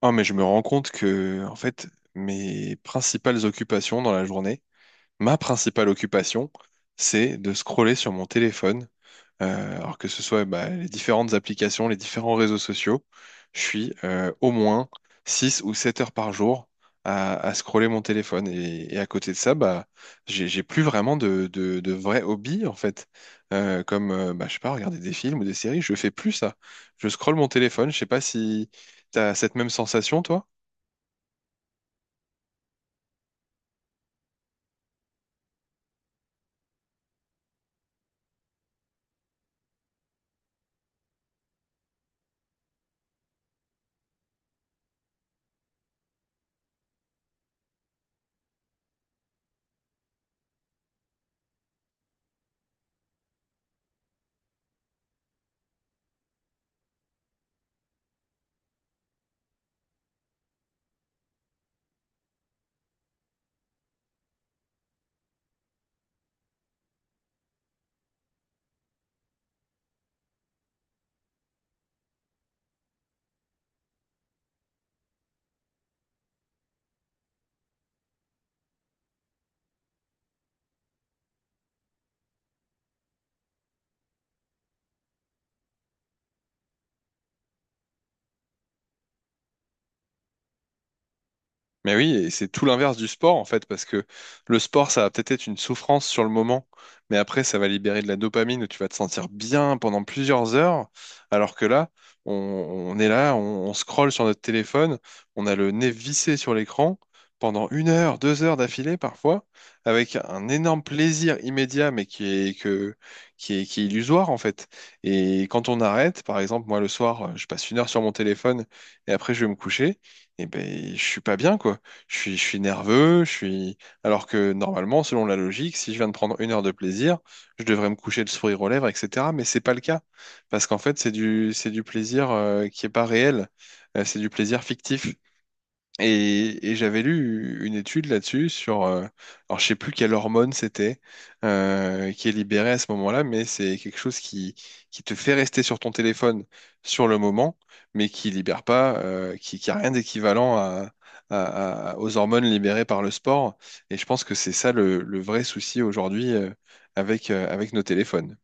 Ah, mais je me rends compte que, en fait, mes principales occupations dans la journée, ma principale occupation, c'est de scroller sur mon téléphone. Alors que ce soit bah, les différentes applications, les différents réseaux sociaux, je suis au moins 6 ou 7 heures par jour à scroller mon téléphone. Et à côté de ça, bah, j'ai plus vraiment de vrais hobbies, en fait. Je sais pas, regarder des films ou des séries, je fais plus ça. Je scrolle mon téléphone, je sais pas si t'as cette même sensation, toi? Mais oui, et c'est tout l'inverse du sport en fait, parce que le sport, ça va peut-être être une souffrance sur le moment, mais après, ça va libérer de la dopamine où tu vas te sentir bien pendant plusieurs heures, alors que là, on est là, on scrolle sur notre téléphone, on a le nez vissé sur l'écran pendant 1 heure, 2 heures d'affilée parfois, avec un énorme plaisir immédiat, mais qui est, que, qui est illusoire en fait. Et quand on arrête, par exemple, moi le soir, je passe 1 heure sur mon téléphone et après je vais me coucher et ben je suis pas bien quoi. Je suis nerveux, je suis. Alors que normalement, selon la logique, si je viens de prendre 1 heure de plaisir, je devrais me coucher le sourire aux lèvres, etc. Mais c'est pas le cas parce qu'en fait, c'est du plaisir qui est pas réel. C'est du plaisir fictif. Et j'avais lu une étude là-dessus sur, alors je sais plus quelle hormone c'était qui est libérée à ce moment-là, mais c'est quelque chose qui te fait rester sur ton téléphone sur le moment, mais qui libère pas, qui a rien d'équivalent à, aux hormones libérées par le sport. Et je pense que c'est ça le vrai souci aujourd'hui avec, avec nos téléphones.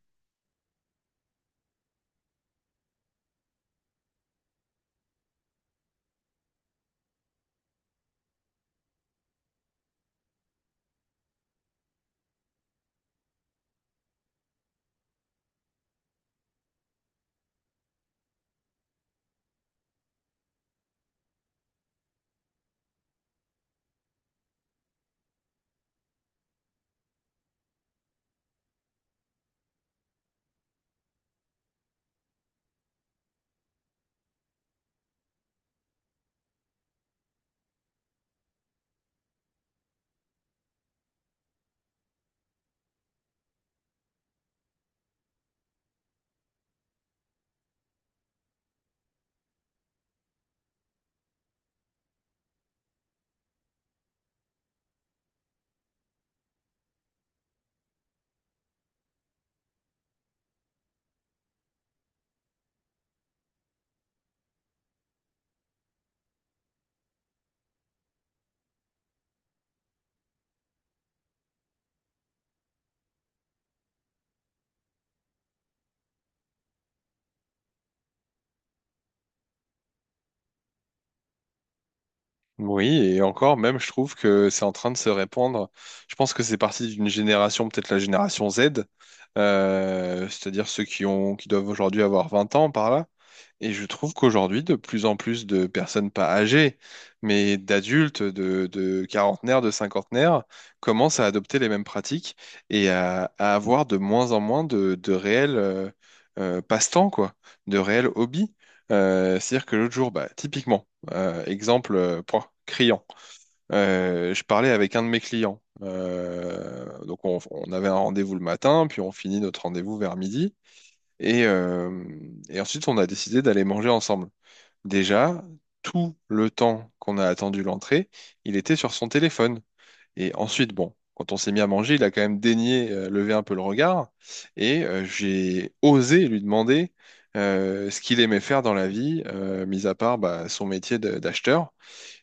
Oui, et encore, même, je trouve que c'est en train de se répandre. Je pense que c'est parti d'une génération, peut-être la génération Z, c'est-à-dire ceux qui ont, qui doivent aujourd'hui avoir 20 ans par là, et je trouve qu'aujourd'hui, de plus en plus de personnes pas âgées, mais d'adultes, de quarantenaires, de cinquantenaires, commencent à adopter les mêmes pratiques et à avoir de moins en moins de réels passe-temps, quoi, de réels hobbies. C'est-à-dire que l'autre jour, bah, typiquement, exemple point, criant, je parlais avec un de mes clients. Donc on avait un rendez-vous le matin, puis on finit notre rendez-vous vers midi. Et, euh, et ensuite, on a décidé d'aller manger ensemble. Déjà, tout le temps qu'on a attendu l'entrée, il était sur son téléphone. Et ensuite, bon, quand on s'est mis à manger, il a quand même daigné lever un peu le regard. Et j'ai osé lui demander ce qu'il aimait faire dans la vie, mis à part bah, son métier d'acheteur.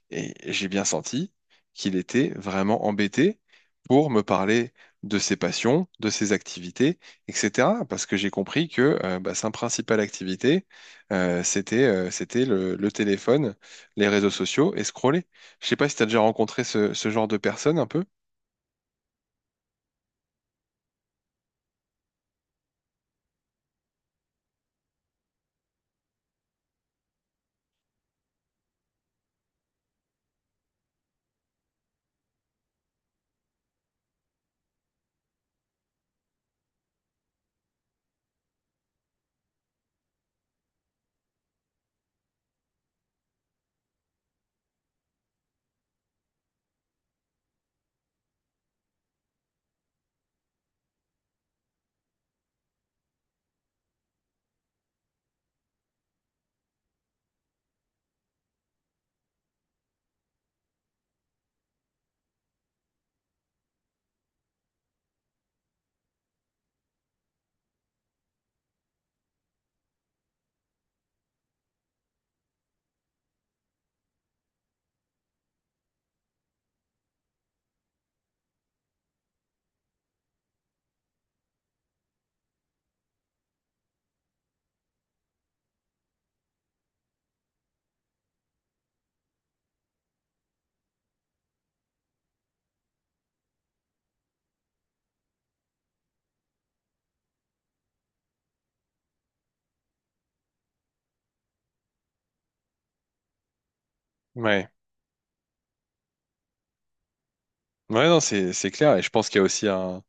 Et j'ai bien senti qu'il était vraiment embêté pour me parler de ses passions, de ses activités, etc. Parce que j'ai compris que bah, sa principale activité, c'était le téléphone, les réseaux sociaux et scroller. Je sais pas si tu as déjà rencontré ce, ce genre de personne un peu. Ouais. Ouais, non, c'est clair. Et je pense qu'il y a aussi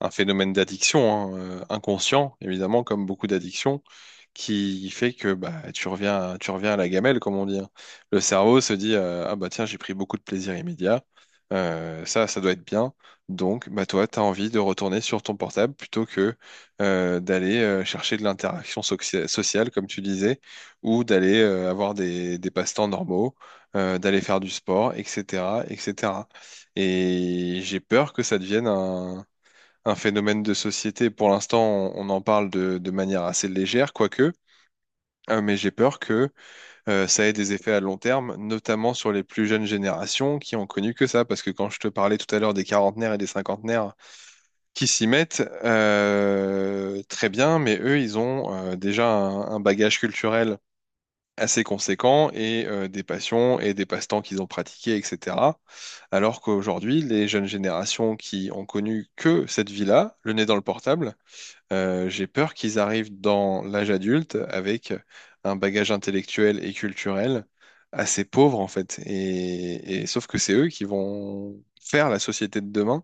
un phénomène d'addiction, hein, inconscient, évidemment, comme beaucoup d'addictions, qui fait que bah, tu reviens à la gamelle, comme on dit, hein. Le cerveau se dit ah bah tiens, j'ai pris beaucoup de plaisir immédiat. Ça doit être bien. Donc, bah toi, tu as envie de retourner sur ton portable plutôt que d'aller chercher de l'interaction soxi- sociale, comme tu disais, ou d'aller avoir des passe-temps normaux, d'aller faire du sport, etc., etc. Et j'ai peur que ça devienne un phénomène de société. Pour l'instant, on en parle de manière assez légère, quoique, mais j'ai peur que ça ait des effets à long terme, notamment sur les plus jeunes générations qui ont connu que ça. Parce que quand je te parlais tout à l'heure des quarantenaires et des cinquantenaires qui s'y mettent, très bien, mais eux, ils ont déjà un bagage culturel assez conséquents et des passions et des passe-temps qu'ils ont pratiqués, etc. Alors qu'aujourd'hui, les jeunes générations qui ont connu que cette vie-là, le nez dans le portable, j'ai peur qu'ils arrivent dans l'âge adulte avec un bagage intellectuel et culturel assez pauvre en fait. Et sauf que c'est eux qui vont faire la société de demain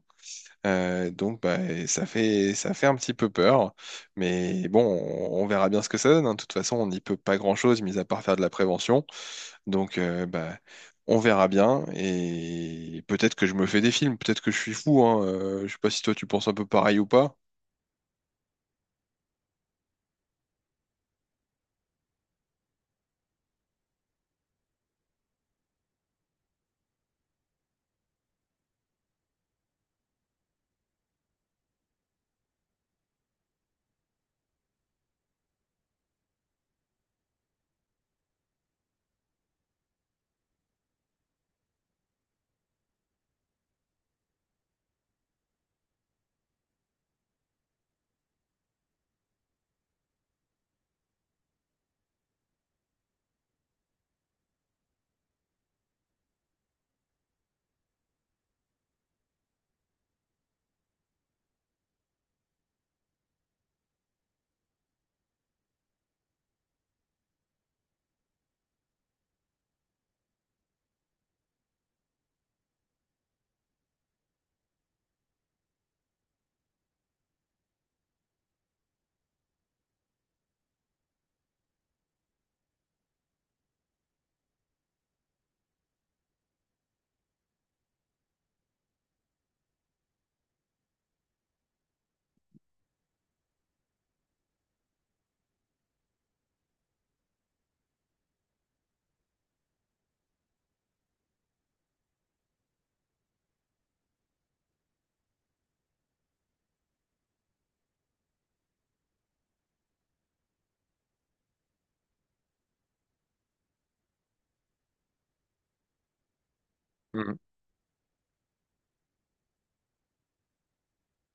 donc bah, ça fait un petit peu peur, mais bon, on verra bien ce que ça donne, hein. De toute façon, on n'y peut pas grand-chose, mis à part faire de la prévention. Donc bah, on verra bien, et peut-être que je me fais des films, peut-être que je suis fou. Hein. Je sais pas si toi tu penses un peu pareil ou pas.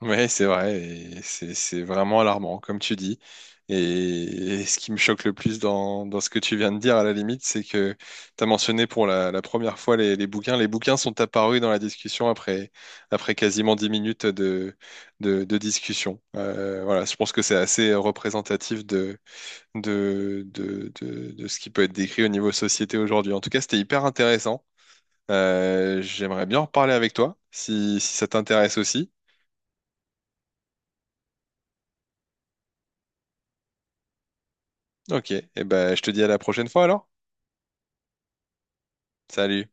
Ouais, c'est vrai, et c'est vraiment alarmant, comme tu dis. Et, et ce qui me choque le plus dans ce que tu viens de dire, à la limite, c'est que tu as mentionné pour la première fois les bouquins. Les bouquins sont apparus dans la discussion après quasiment 10 minutes de, discussion. Voilà, je pense que c'est assez représentatif de ce qui peut être décrit au niveau société aujourd'hui. En tout cas, c'était hyper intéressant. J'aimerais bien en reparler avec toi, si, si ça t'intéresse aussi. Ok, et ben je te dis à la prochaine fois alors. Salut.